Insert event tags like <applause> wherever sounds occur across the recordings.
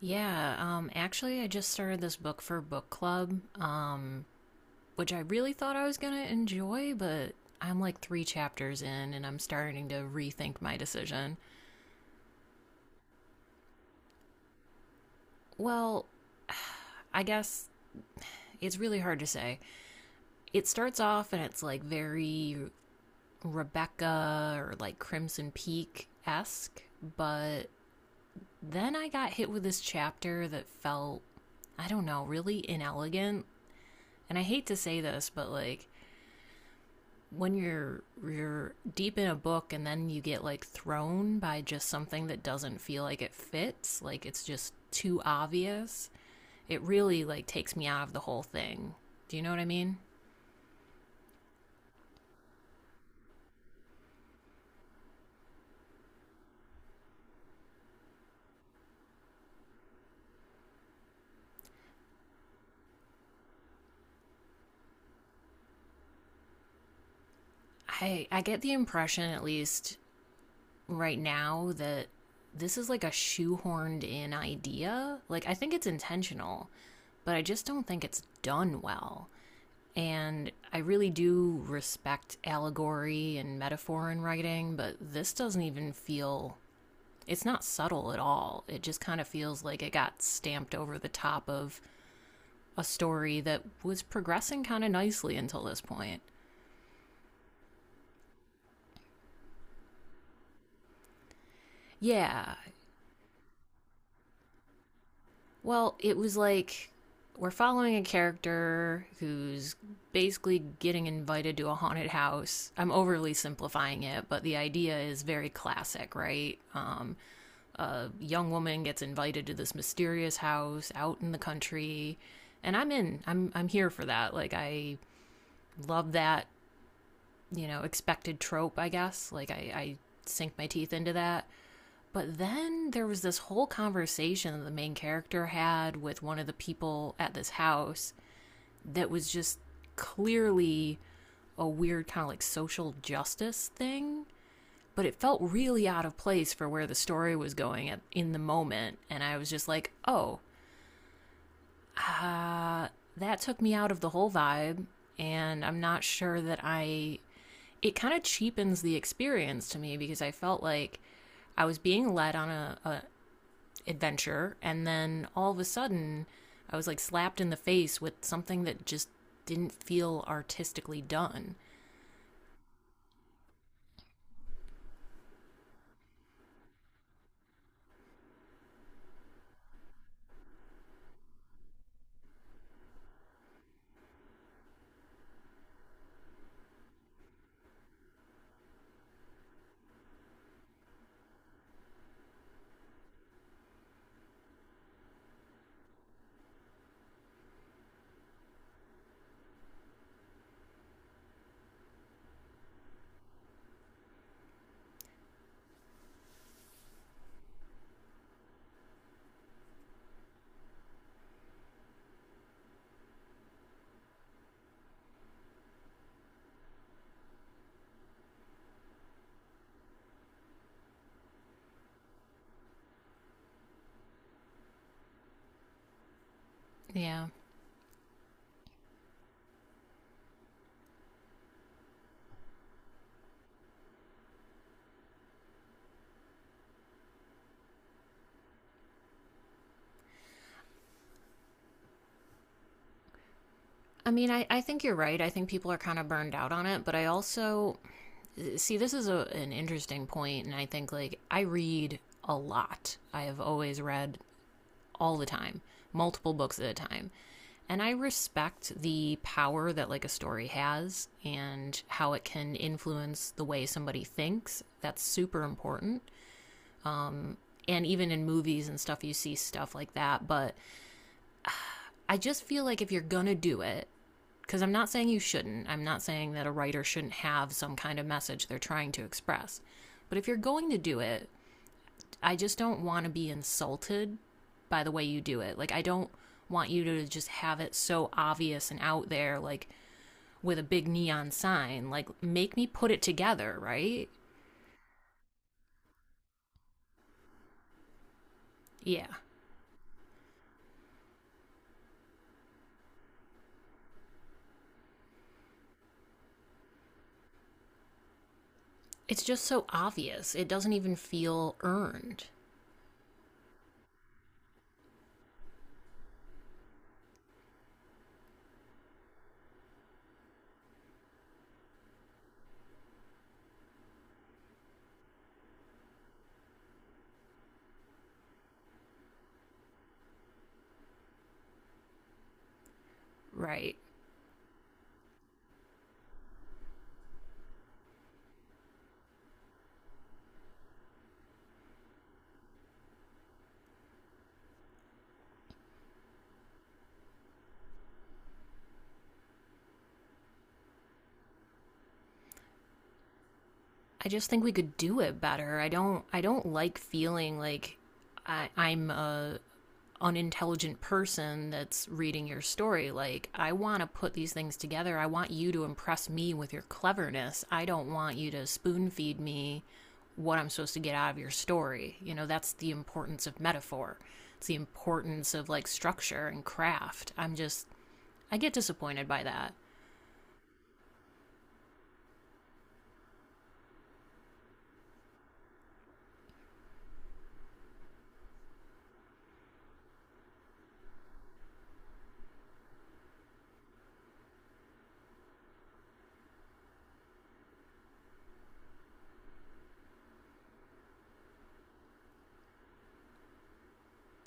Yeah, actually, I just started this book for book club, which I really thought I was going to enjoy, but I'm like three chapters in and I'm starting to rethink my decision. Well, I guess it's really hard to say. It starts off and it's like very Rebecca or like Crimson Peak esque, but then I got hit with this chapter that felt, I don't know, really inelegant. And I hate to say this, but like, when you're deep in a book and then you get like thrown by just something that doesn't feel like it fits, like it's just too obvious, it really like takes me out of the whole thing. Do you know what I mean? I get the impression at least right now that this is like a shoehorned in idea. Like I think it's intentional, but I just don't think it's done well. And I really do respect allegory and metaphor in writing, but this doesn't even feel it's not subtle at all. It just kind of feels like it got stamped over the top of a story that was progressing kind of nicely until this point. Yeah. Well, it was like we're following a character who's basically getting invited to a haunted house. I'm overly simplifying it, but the idea is very classic, right? A young woman gets invited to this mysterious house out in the country and I'm in I'm I'm here for that. Like, I love that, you know, expected trope, I guess. Like, I sink my teeth into that, but then there was this whole conversation that the main character had with one of the people at this house that was just clearly a weird kind of like social justice thing, but it felt really out of place for where the story was going at, in the moment, and I was just like, Uh, that took me out of the whole vibe. And I'm not sure that I, it kind of cheapens the experience to me, because I felt like I was being led on a adventure, and then all of a sudden I was like slapped in the face with something that just didn't feel artistically done. Yeah. I think you're right. I think people are kind of burned out on it, but I also see this is an interesting point. And I think like I read a lot. I have always read all the time, multiple books at a time. And I respect the power that like a story has and how it can influence the way somebody thinks. That's super important. And even in movies and stuff, you see stuff like that. But I just feel like if you're going to do it, because I'm not saying you shouldn't, I'm not saying that a writer shouldn't have some kind of message they're trying to express. But if you're going to do it, I just don't want to be insulted by the way you do it. Like, I don't want you to just have it so obvious and out there, like with a big neon sign. Like, make me put it together, right? Yeah. It's just so obvious. It doesn't even feel earned, right? I just think we could do it better. I don't like feeling like I'm a unintelligent person that's reading your story. Like, I want to put these things together. I want you to impress me with your cleverness. I don't want you to spoon feed me what I'm supposed to get out of your story. You know, that's the importance of metaphor. It's the importance of like structure and craft. I get disappointed by that.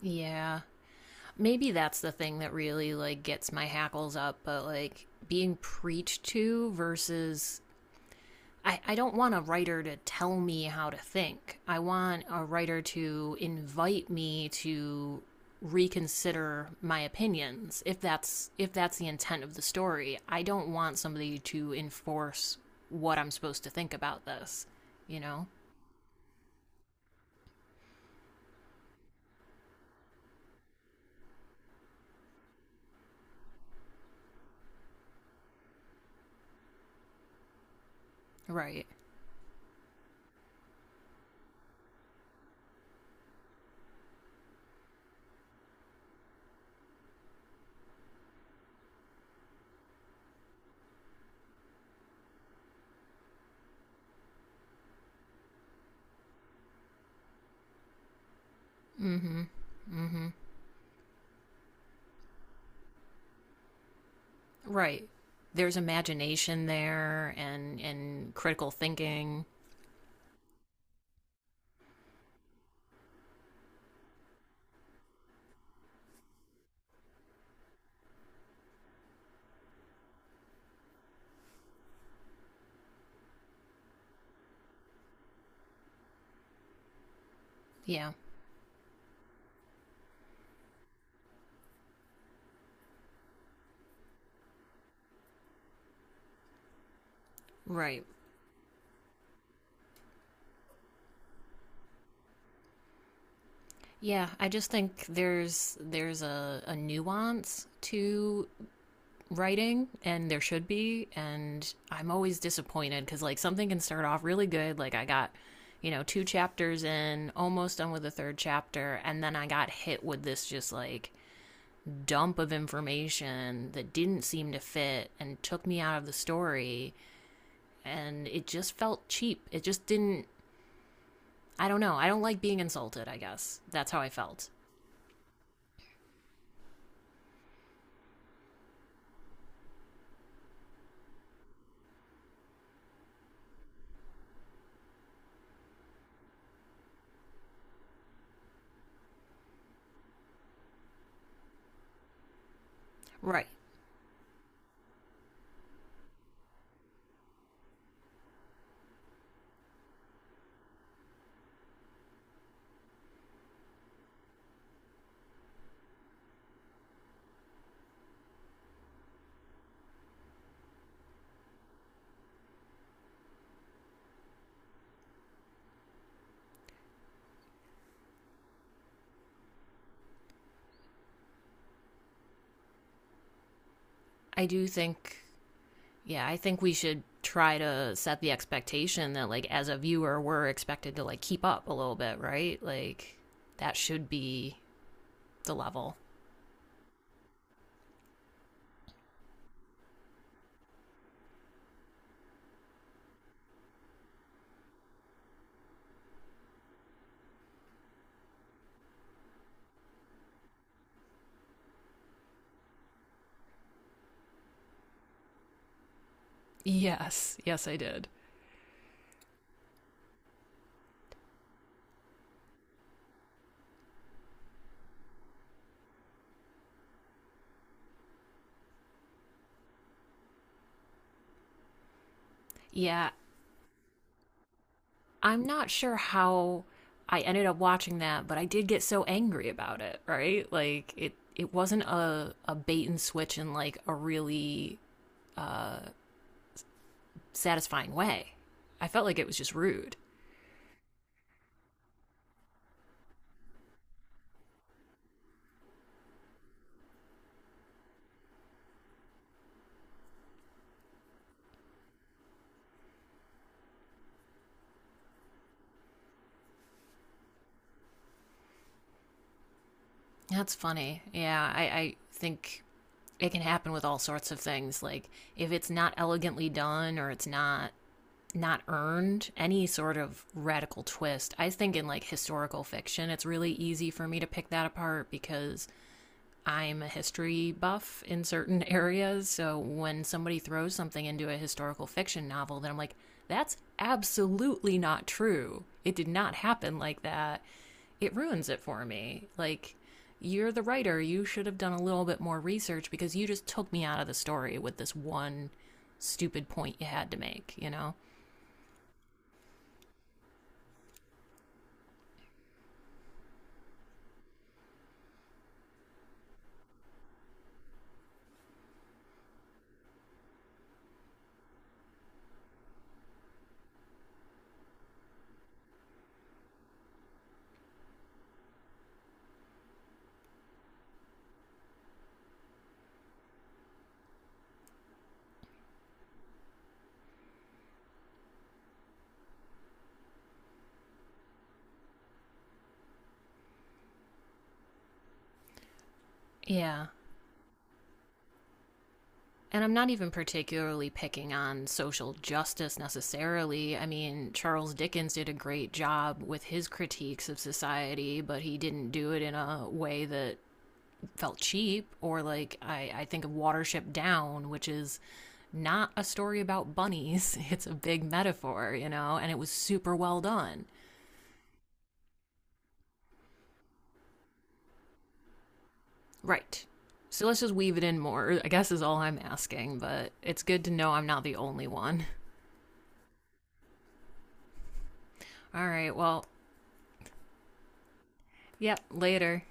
Yeah. Maybe that's the thing that really like gets my hackles up, but like being preached to versus I don't want a writer to tell me how to think. I want a writer to invite me to reconsider my opinions if that's the intent of the story. I don't want somebody to enforce what I'm supposed to think about this, you know? Right. mm Mhm. mm Mhm. Right. There's imagination there and critical thinking. Yeah. Right. Yeah, I just think there's a nuance to writing, and there should be. And I'm always disappointed because like something can start off really good, like I got, you know, two chapters in, almost done with the third chapter, and then I got hit with this just like dump of information that didn't seem to fit and took me out of the story, and it just felt cheap. It just didn't. I don't know. I don't like being insulted. I guess that's how I felt. Right. I do think, yeah, I think we should try to set the expectation that like as a viewer we're expected to like keep up a little bit, right? Like that should be the level. Yes, yes, I did. Yeah. I'm not sure how I ended up watching that, but I did get so angry about it, right? Like it wasn't a bait and switch in like a really satisfying way. I felt like it was just rude. That's funny. Yeah, I think it can happen with all sorts of things. Like if it's not elegantly done or it's not earned, any sort of radical twist. I think in like historical fiction, it's really easy for me to pick that apart because I'm a history buff in certain <laughs> areas, so when somebody throws something into a historical fiction novel, then I'm like, that's absolutely not true. It did not happen like that. It ruins it for me. Like, you're the writer. You should have done a little bit more research because you just took me out of the story with this one stupid point you had to make, you know? Yeah. And I'm not even particularly picking on social justice necessarily. I mean, Charles Dickens did a great job with his critiques of society, but he didn't do it in a way that felt cheap. Or, like, I think of Watership Down, which is not a story about bunnies, <laughs> it's a big metaphor, you know, and it was super well done. Right. So let's just weave it in more, I guess is all I'm asking, but it's good to know I'm not the only one. <laughs> All right, well, yep, later.